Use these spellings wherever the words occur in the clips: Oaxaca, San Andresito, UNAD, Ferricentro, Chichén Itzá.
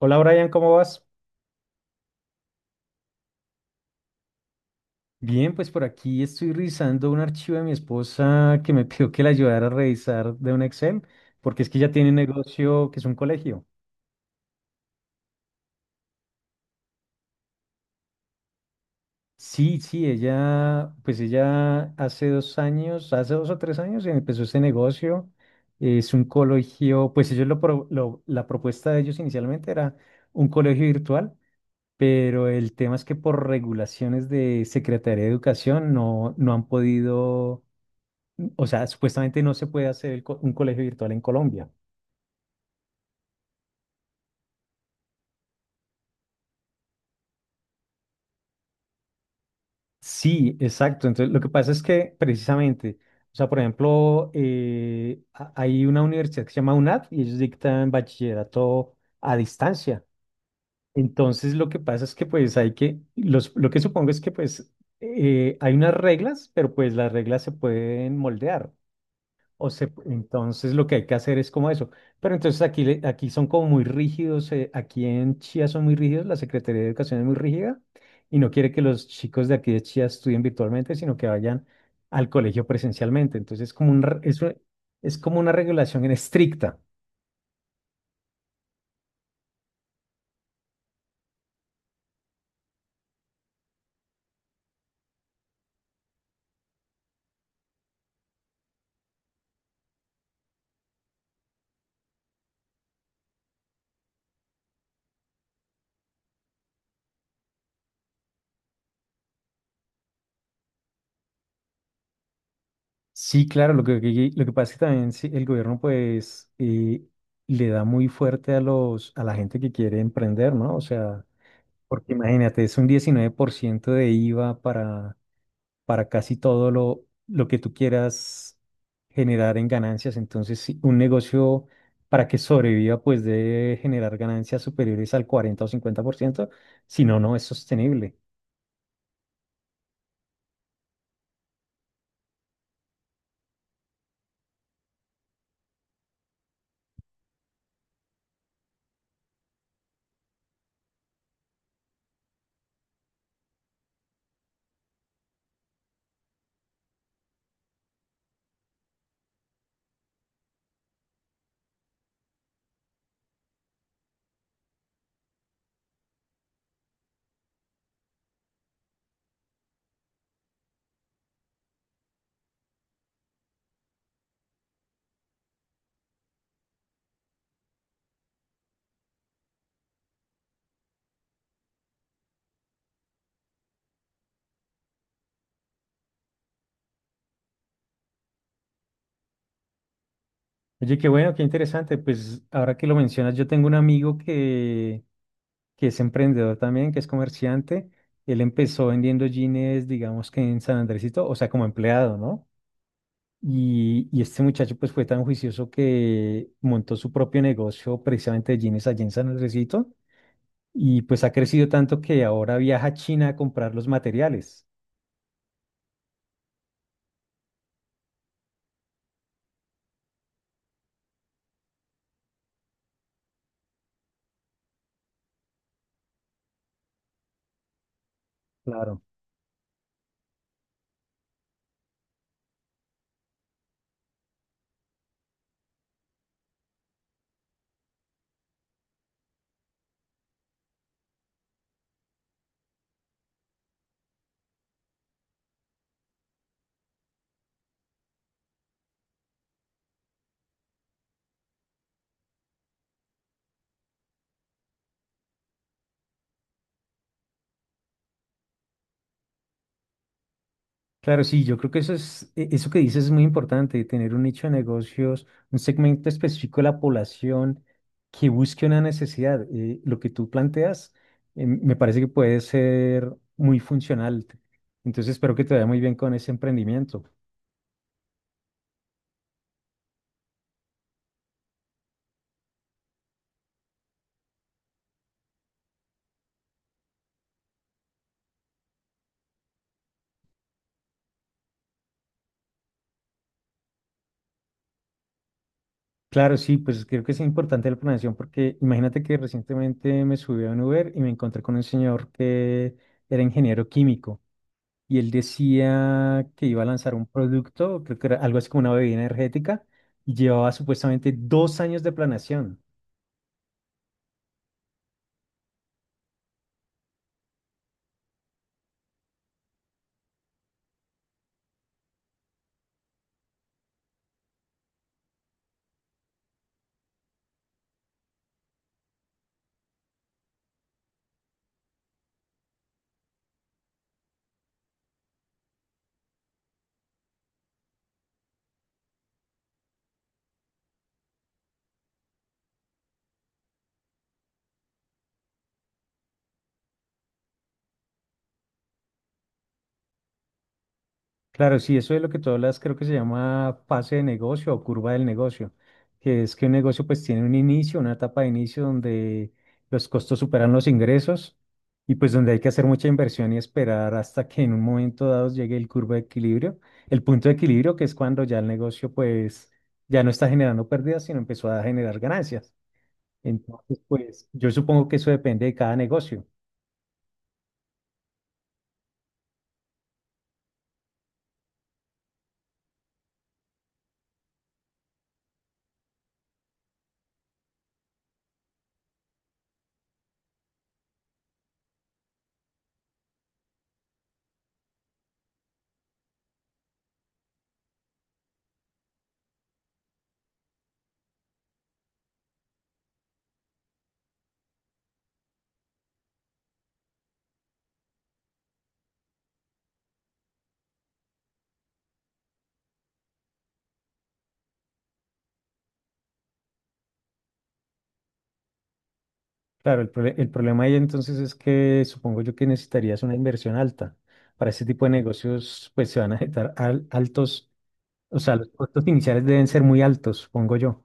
Hola Brian, ¿cómo vas? Bien, pues por aquí estoy revisando un archivo de mi esposa que me pidió que la ayudara a revisar de un Excel, porque es que ella tiene un negocio que es un colegio. Sí, sí, ella, hace 2 años, hace 2 o 3 años empezó este negocio. Es un colegio, pues ellos lo, pro- lo- la propuesta de ellos inicialmente era un colegio virtual, pero el tema es que por regulaciones de Secretaría de Educación no han podido. O sea, supuestamente no se puede hacer un colegio virtual en Colombia. Sí, exacto. Entonces, lo que pasa es que precisamente, o sea, por ejemplo, hay una universidad que se llama UNAD y ellos dictan bachillerato a distancia. Entonces, lo que pasa es que pues lo que supongo es que pues hay unas reglas, pero pues las reglas se pueden moldear. Entonces lo que hay que hacer es como eso. Pero entonces aquí son como muy rígidos, aquí en Chía son muy rígidos, la Secretaría de Educación es muy rígida y no quiere que los chicos de aquí de Chía estudien virtualmente, sino que vayan al colegio presencialmente. Entonces es como un re- es, una- es como una regulación en estricta. Sí, claro, lo que pasa es que también sí, el gobierno pues le da muy fuerte a a la gente que quiere emprender, ¿no? O sea, porque imagínate, es un 19% de IVA para casi todo lo que tú quieras generar en ganancias. Entonces, sí, un negocio para que sobreviva, pues debe generar ganancias superiores al 40 o 50%, si no, no es sostenible. Oye, qué bueno, qué interesante. Pues ahora que lo mencionas, yo tengo un amigo que es emprendedor también, que es comerciante. Él empezó vendiendo jeans, digamos que en San Andresito, o sea, como empleado, ¿no? Y este muchacho pues fue tan juicioso que montó su propio negocio precisamente de jeans allá en San Andresito y pues ha crecido tanto que ahora viaja a China a comprar los materiales. Claro. Claro, sí, yo creo que eso que dices es muy importante, tener un nicho de negocios, un segmento específico de la población que busque una necesidad. Lo que tú planteas, me parece que puede ser muy funcional. Entonces espero que te vaya muy bien con ese emprendimiento. Claro, sí, pues creo que es importante la planeación porque imagínate que recientemente me subí a un Uber y me encontré con un señor que era ingeniero químico y él decía que iba a lanzar un producto, creo que era algo así como una bebida energética, y llevaba supuestamente 2 años de planeación. Claro, sí, eso es lo que tú hablas, creo que se llama fase de negocio o curva del negocio, que es que un negocio pues tiene un inicio, una etapa de inicio donde los costos superan los ingresos y pues donde hay que hacer mucha inversión y esperar hasta que en un momento dado llegue el curva de equilibrio, el punto de equilibrio que es cuando ya el negocio pues ya no está generando pérdidas, sino empezó a generar ganancias. Entonces, pues yo supongo que eso depende de cada negocio. Claro, el problema ahí entonces es que supongo yo que necesitarías una inversión alta. Para ese tipo de negocios, pues se van a altos, o sea, los costos iniciales deben ser muy altos, supongo yo.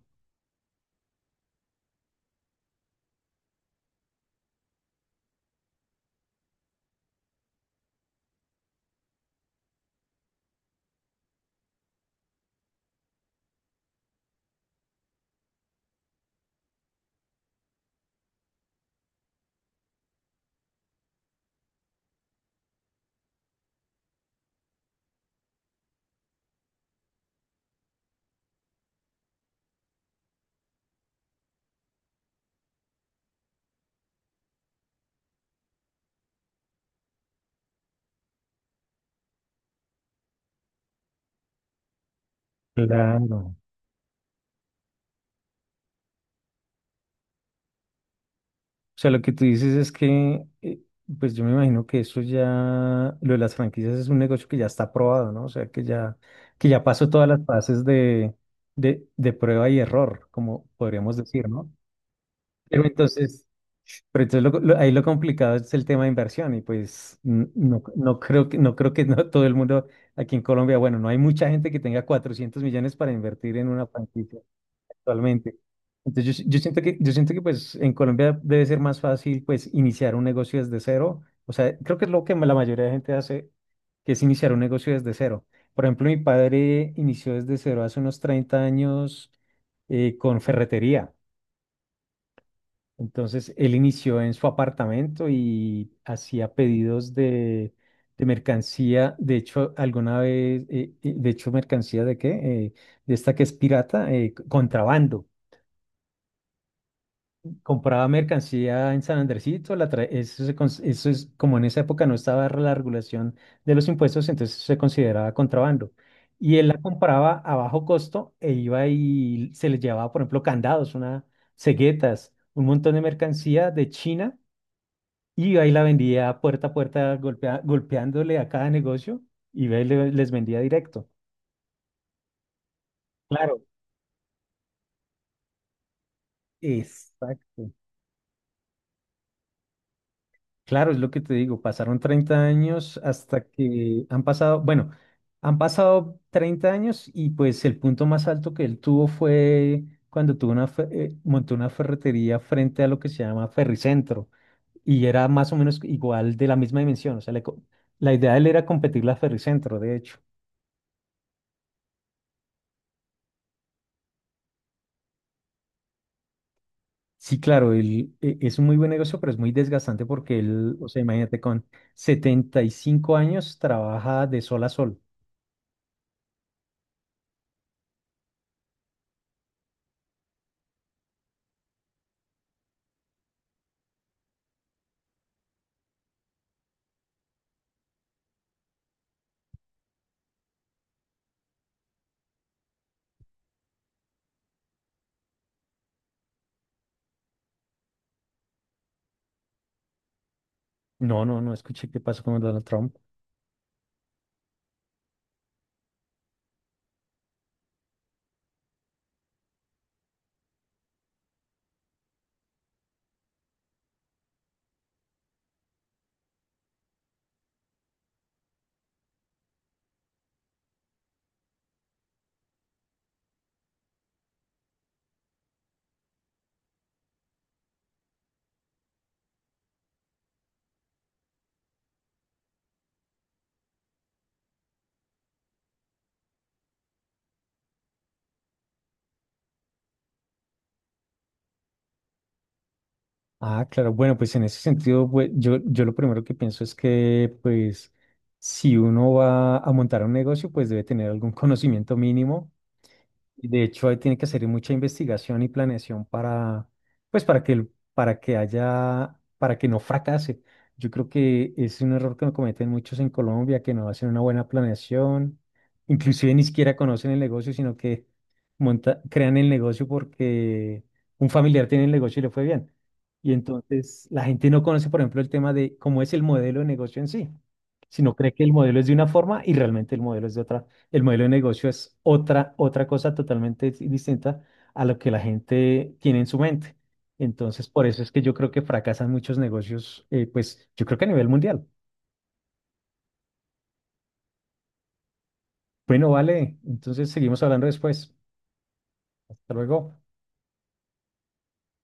Claro. O sea, lo que tú dices es que, pues yo me imagino que eso ya, lo de las franquicias es un negocio que ya está aprobado, ¿no? O sea, que ya pasó todas las fases de prueba y error, como podríamos decir, ¿no? Pero entonces, pero entonces ahí lo complicado es el tema de inversión y pues no, no creo que no todo el mundo aquí en Colombia, bueno, no hay mucha gente que tenga 400 millones para invertir en una franquicia actualmente. Entonces yo siento que pues en Colombia debe ser más fácil pues iniciar un negocio desde cero. O sea, creo que es lo que la mayoría de gente hace, que es iniciar un negocio desde cero. Por ejemplo, mi padre inició desde cero hace unos 30 años con ferretería. Entonces, él inició en su apartamento y hacía pedidos de mercancía. De hecho, alguna vez, de hecho, ¿mercancía de qué? Eh, de esta que es pirata, contrabando. Compraba mercancía en San Andresito, la tra- eso, se cons- eso es como en esa época no estaba la regulación de los impuestos, entonces se consideraba contrabando. Y él la compraba a bajo costo e iba y se le llevaba, por ejemplo, candados, una, ceguetas, un montón de mercancía de China y ahí la vendía puerta a puerta, golpeándole a cada negocio y les vendía directo. Claro, exacto. Claro, es lo que te digo, pasaron 30 años hasta que han pasado, bueno, han pasado 30 años y pues el punto más alto que él tuvo fue cuando montó una ferretería frente a lo que se llama Ferricentro y era más o menos igual de la misma dimensión, o sea, la idea de él era competir la Ferricentro, de hecho. Sí, claro, es un muy buen negocio, pero es muy desgastante porque él, o sea, imagínate, con 75 años trabaja de sol a sol. No, no, no escuché qué pasó con Donald Trump. Ah, claro, bueno, pues en ese sentido, pues, yo lo primero que pienso es que, pues, si uno va a montar un negocio, pues debe tener algún conocimiento mínimo. De hecho, ahí tiene que hacer mucha investigación y planeación para, pues, para que haya, para que no fracase. Yo creo que es un error que no cometen muchos en Colombia, que no hacen una buena planeación, inclusive ni siquiera conocen el negocio, sino que monta, crean el negocio porque un familiar tiene el negocio y le fue bien. Y entonces la gente no conoce, por ejemplo, el tema de cómo es el modelo de negocio en sí, sino cree que el modelo es de una forma y realmente el modelo es de otra. El modelo de negocio es otra, otra cosa totalmente distinta a lo que la gente tiene en su mente. Entonces, por eso es que yo creo que fracasan muchos negocios, pues yo creo que a nivel mundial. Bueno, vale, entonces seguimos hablando después. Hasta luego.